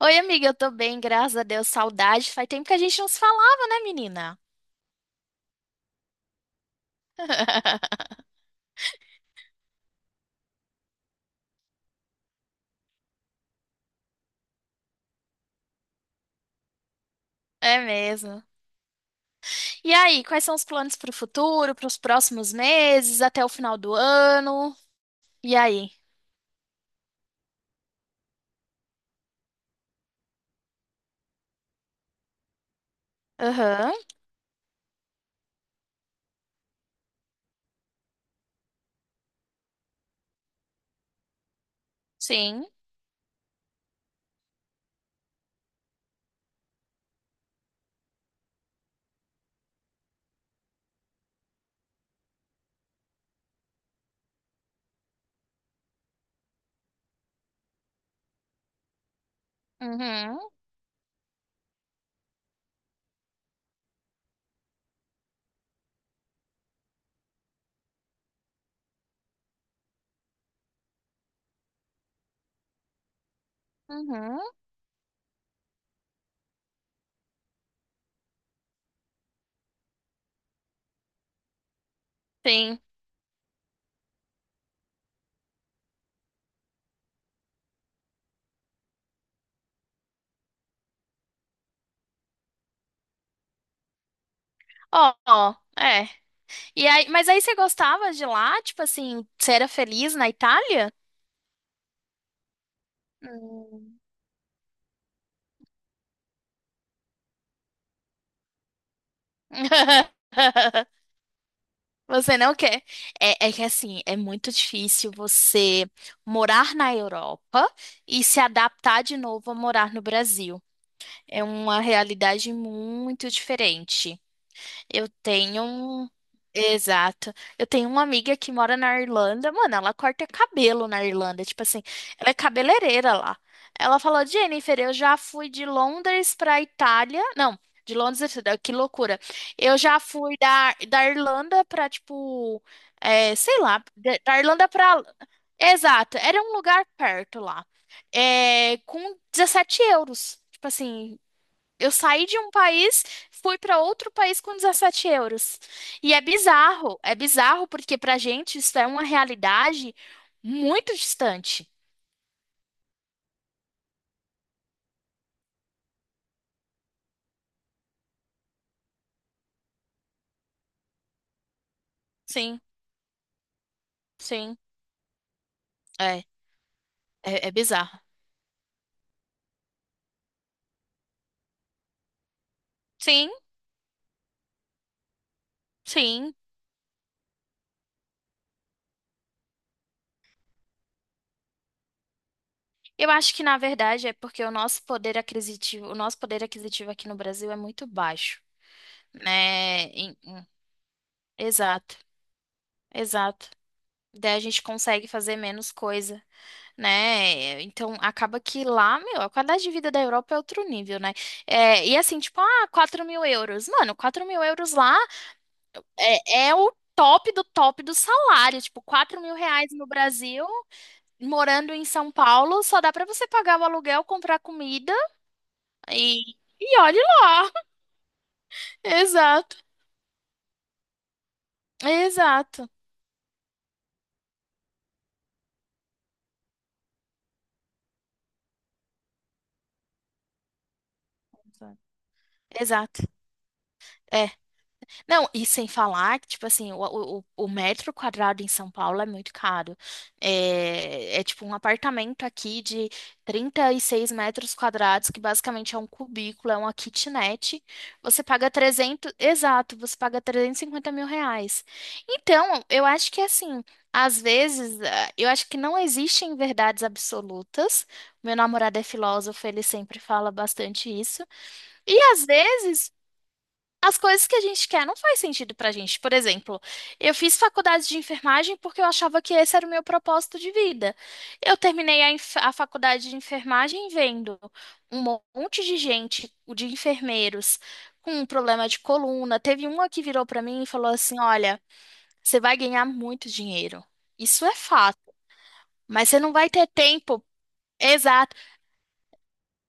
Oi, amiga, eu tô bem, graças a Deus. Saudade. Faz tempo que a gente não se falava, né, menina? É mesmo. E aí, quais são os planos pro futuro, pros próximos meses, até o final do ano? E aí? Aham, sim. Uhum, uhum, sim. Ó, ó, é. E aí, mas aí você gostava de lá? Tipo assim, você era feliz na Itália? Hum. Você não quer. É que assim, é muito difícil você morar na Europa e se adaptar de novo a morar no Brasil. É uma realidade muito diferente. Eu tenho. um- Exato. Eu tenho uma amiga que mora na Irlanda. Mano, ela corta cabelo na Irlanda. Tipo assim, ela é cabeleireira lá. Ela falou: Jennifer, eu já fui de Londres pra Itália. Não, de Londres, que loucura. Eu já fui da Irlanda pra, tipo, é, sei lá, da Irlanda pra. Exato, era um lugar perto lá. É, com €17. Tipo assim, eu saí de um país, fui para outro país com €17. E é bizarro porque pra gente isso é uma realidade muito distante. Sim, sim, é, é bizarro. Sim, sim. Eu acho que na verdade é porque o nosso poder aquisitivo aqui no Brasil é muito baixo, né? Exato, exato. Daí a gente consegue fazer menos coisa, né? Então acaba que lá, meu, a qualidade de vida da Europa é outro nível, né? É, e assim, tipo, ah, €4.000. Mano, €4.000 lá é o top do salário. Tipo, R$4.000 no Brasil, morando em São Paulo, só dá pra você pagar o aluguel, comprar comida e olhe lá. Exato, exato, exato. É. Não, e sem falar que, tipo assim, o metro quadrado em São Paulo é muito caro. É tipo um apartamento aqui de 36 metros quadrados, que basicamente é um cubículo, é uma kitnet. Você paga R$350.000. Então, eu acho que assim, às vezes, ah, eu acho que não existem verdades absolutas. Meu namorado é filósofo, ele sempre fala bastante isso. E às vezes as coisas que a gente quer não faz sentido pra gente. Por exemplo, eu fiz faculdade de enfermagem porque eu achava que esse era o meu propósito de vida. Eu terminei a faculdade de enfermagem vendo um monte de gente, de enfermeiros, com um problema de coluna. Teve uma que virou pra mim e falou assim: Olha, você vai ganhar muito dinheiro. Isso é fato, mas você não vai ter tempo.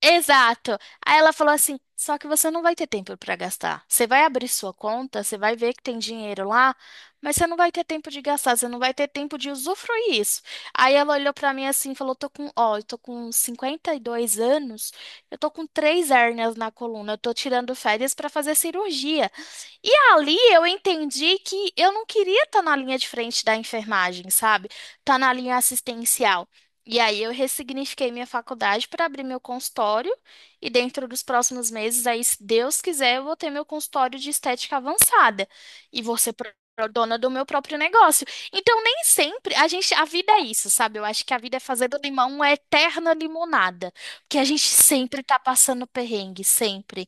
Exato. Aí ela falou assim: só que você não vai ter tempo para gastar. Você vai abrir sua conta, você vai ver que tem dinheiro lá, mas você não vai ter tempo de gastar, você não vai ter tempo de usufruir isso. Aí ela olhou para mim assim e falou: tô com, ó, eu tô com 52 anos, eu tô com três hérnias na coluna, eu tô tirando férias para fazer cirurgia. E ali eu entendi que eu não queria estar na linha de frente da enfermagem, sabe? Tá na linha assistencial. E aí eu ressignifiquei minha faculdade para abrir meu consultório e dentro dos próximos meses, aí se Deus quiser, eu vou ter meu consultório de estética avançada e dona do meu próprio negócio. Então nem sempre a gente, a vida é isso, sabe? Eu acho que a vida é fazer do limão uma eterna limonada, porque a gente sempre tá passando perrengue, sempre.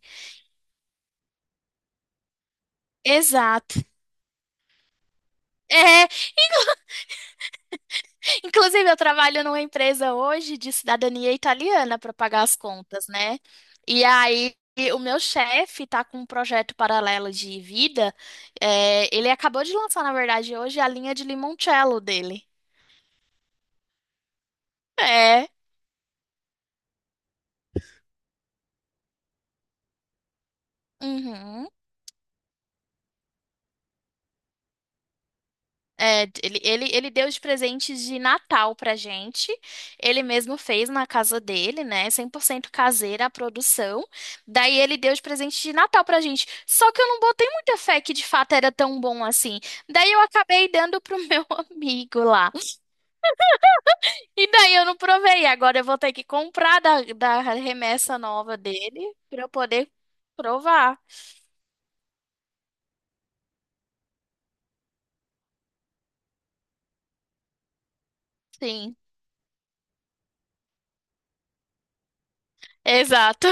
Exato. É, inclusive, eu trabalho numa empresa hoje de cidadania italiana para pagar as contas, né? E aí, o meu chefe tá com um projeto paralelo de vida. É, ele acabou de lançar, na verdade, hoje a linha de limoncello dele. É. Uhum. É, ele deu de presente de Natal pra gente. Ele mesmo fez na casa dele, né? 100% caseira a produção. Daí ele deu de presente de Natal pra gente. Só que eu não botei muita fé que de fato era tão bom assim. Daí eu acabei dando pro meu amigo lá. E daí eu não provei. Agora eu vou ter que comprar da remessa nova dele pra eu poder provar. Sim, exato.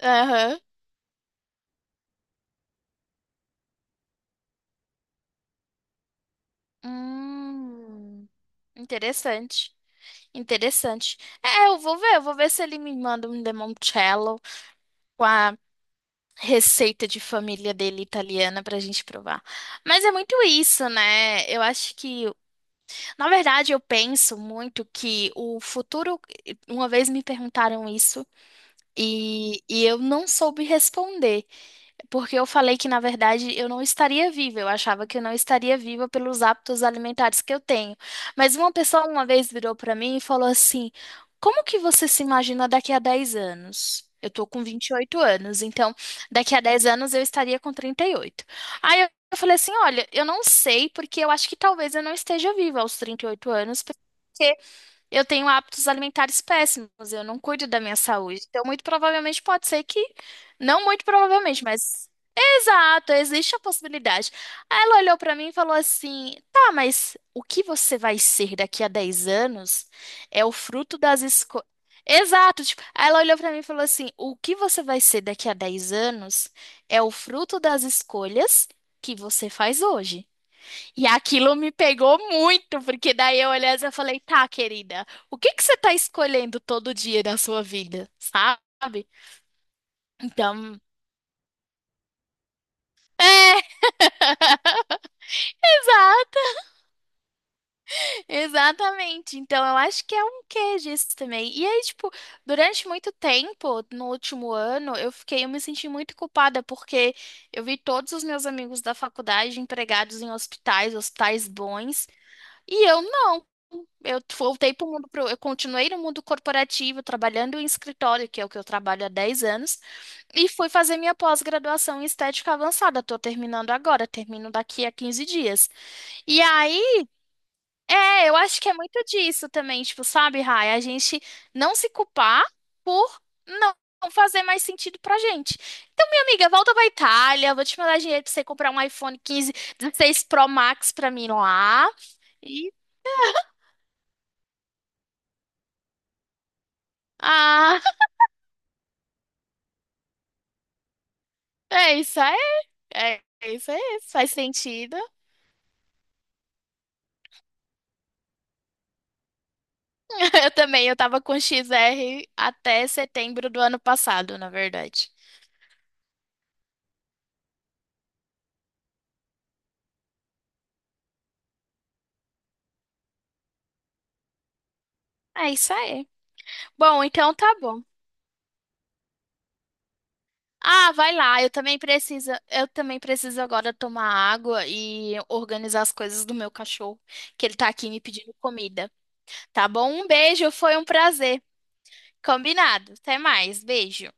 Aham. Hum, interessante. Interessante. É, eu vou ver se ele me manda um limoncello com a receita de família dele italiana pra gente provar. Mas é muito isso, né? Eu acho que, na verdade, eu penso muito que o futuro, uma vez me perguntaram isso e eu não soube responder. Porque eu falei que, na verdade, eu não estaria viva. Eu achava que eu não estaria viva pelos hábitos alimentares que eu tenho. Mas uma pessoa uma vez virou para mim e falou assim: Como que você se imagina daqui a 10 anos? Eu tô com 28 anos, então daqui a 10 anos eu estaria com 38. Aí eu falei assim: Olha, eu não sei, porque eu acho que talvez eu não esteja viva aos 38 anos. Porque eu tenho hábitos alimentares péssimos, eu não cuido da minha saúde. Então, muito provavelmente pode ser que, não muito provavelmente, mas exato, existe a possibilidade. Aí ela olhou pra mim e falou assim: tá, mas o que você vai ser daqui a 10 anos é o fruto das escolhas. Exato, tipo, aí ela olhou pra mim e falou assim: o que você vai ser daqui a 10 anos é o fruto das escolhas que você faz hoje. E aquilo me pegou muito, porque daí eu olhei e falei: tá, querida, o que que você tá escolhendo todo dia da sua vida, sabe? Então, é. Exatamente. Então, eu acho que é um quê disso também. E aí, tipo, durante muito tempo, no último ano, eu me senti muito culpada porque eu vi todos os meus amigos da faculdade empregados em hospitais, hospitais bons, e eu não. Eu voltei eu continuei no mundo corporativo, trabalhando em escritório, que é o que eu trabalho há 10 anos, e fui fazer minha pós-graduação em estética avançada. Tô terminando agora, termino daqui a 15 dias. E aí é, eu acho que é muito disso também, tipo, sabe, Rai? A gente não se culpar por não fazer mais sentido pra gente. Então, minha amiga, volta pra Itália, vou te mandar dinheiro pra você comprar um iPhone 15, 16 Pro Max pra mim lá. E, ah, é isso aí, é isso aí, faz sentido. Eu também, eu tava com XR até setembro do ano passado, na verdade. É isso aí. Bom, então tá bom. Ah, vai lá. Eu também preciso agora tomar água e organizar as coisas do meu cachorro, que ele tá aqui me pedindo comida. Tá bom? Um beijo, foi um prazer. Combinado. Até mais. Beijo.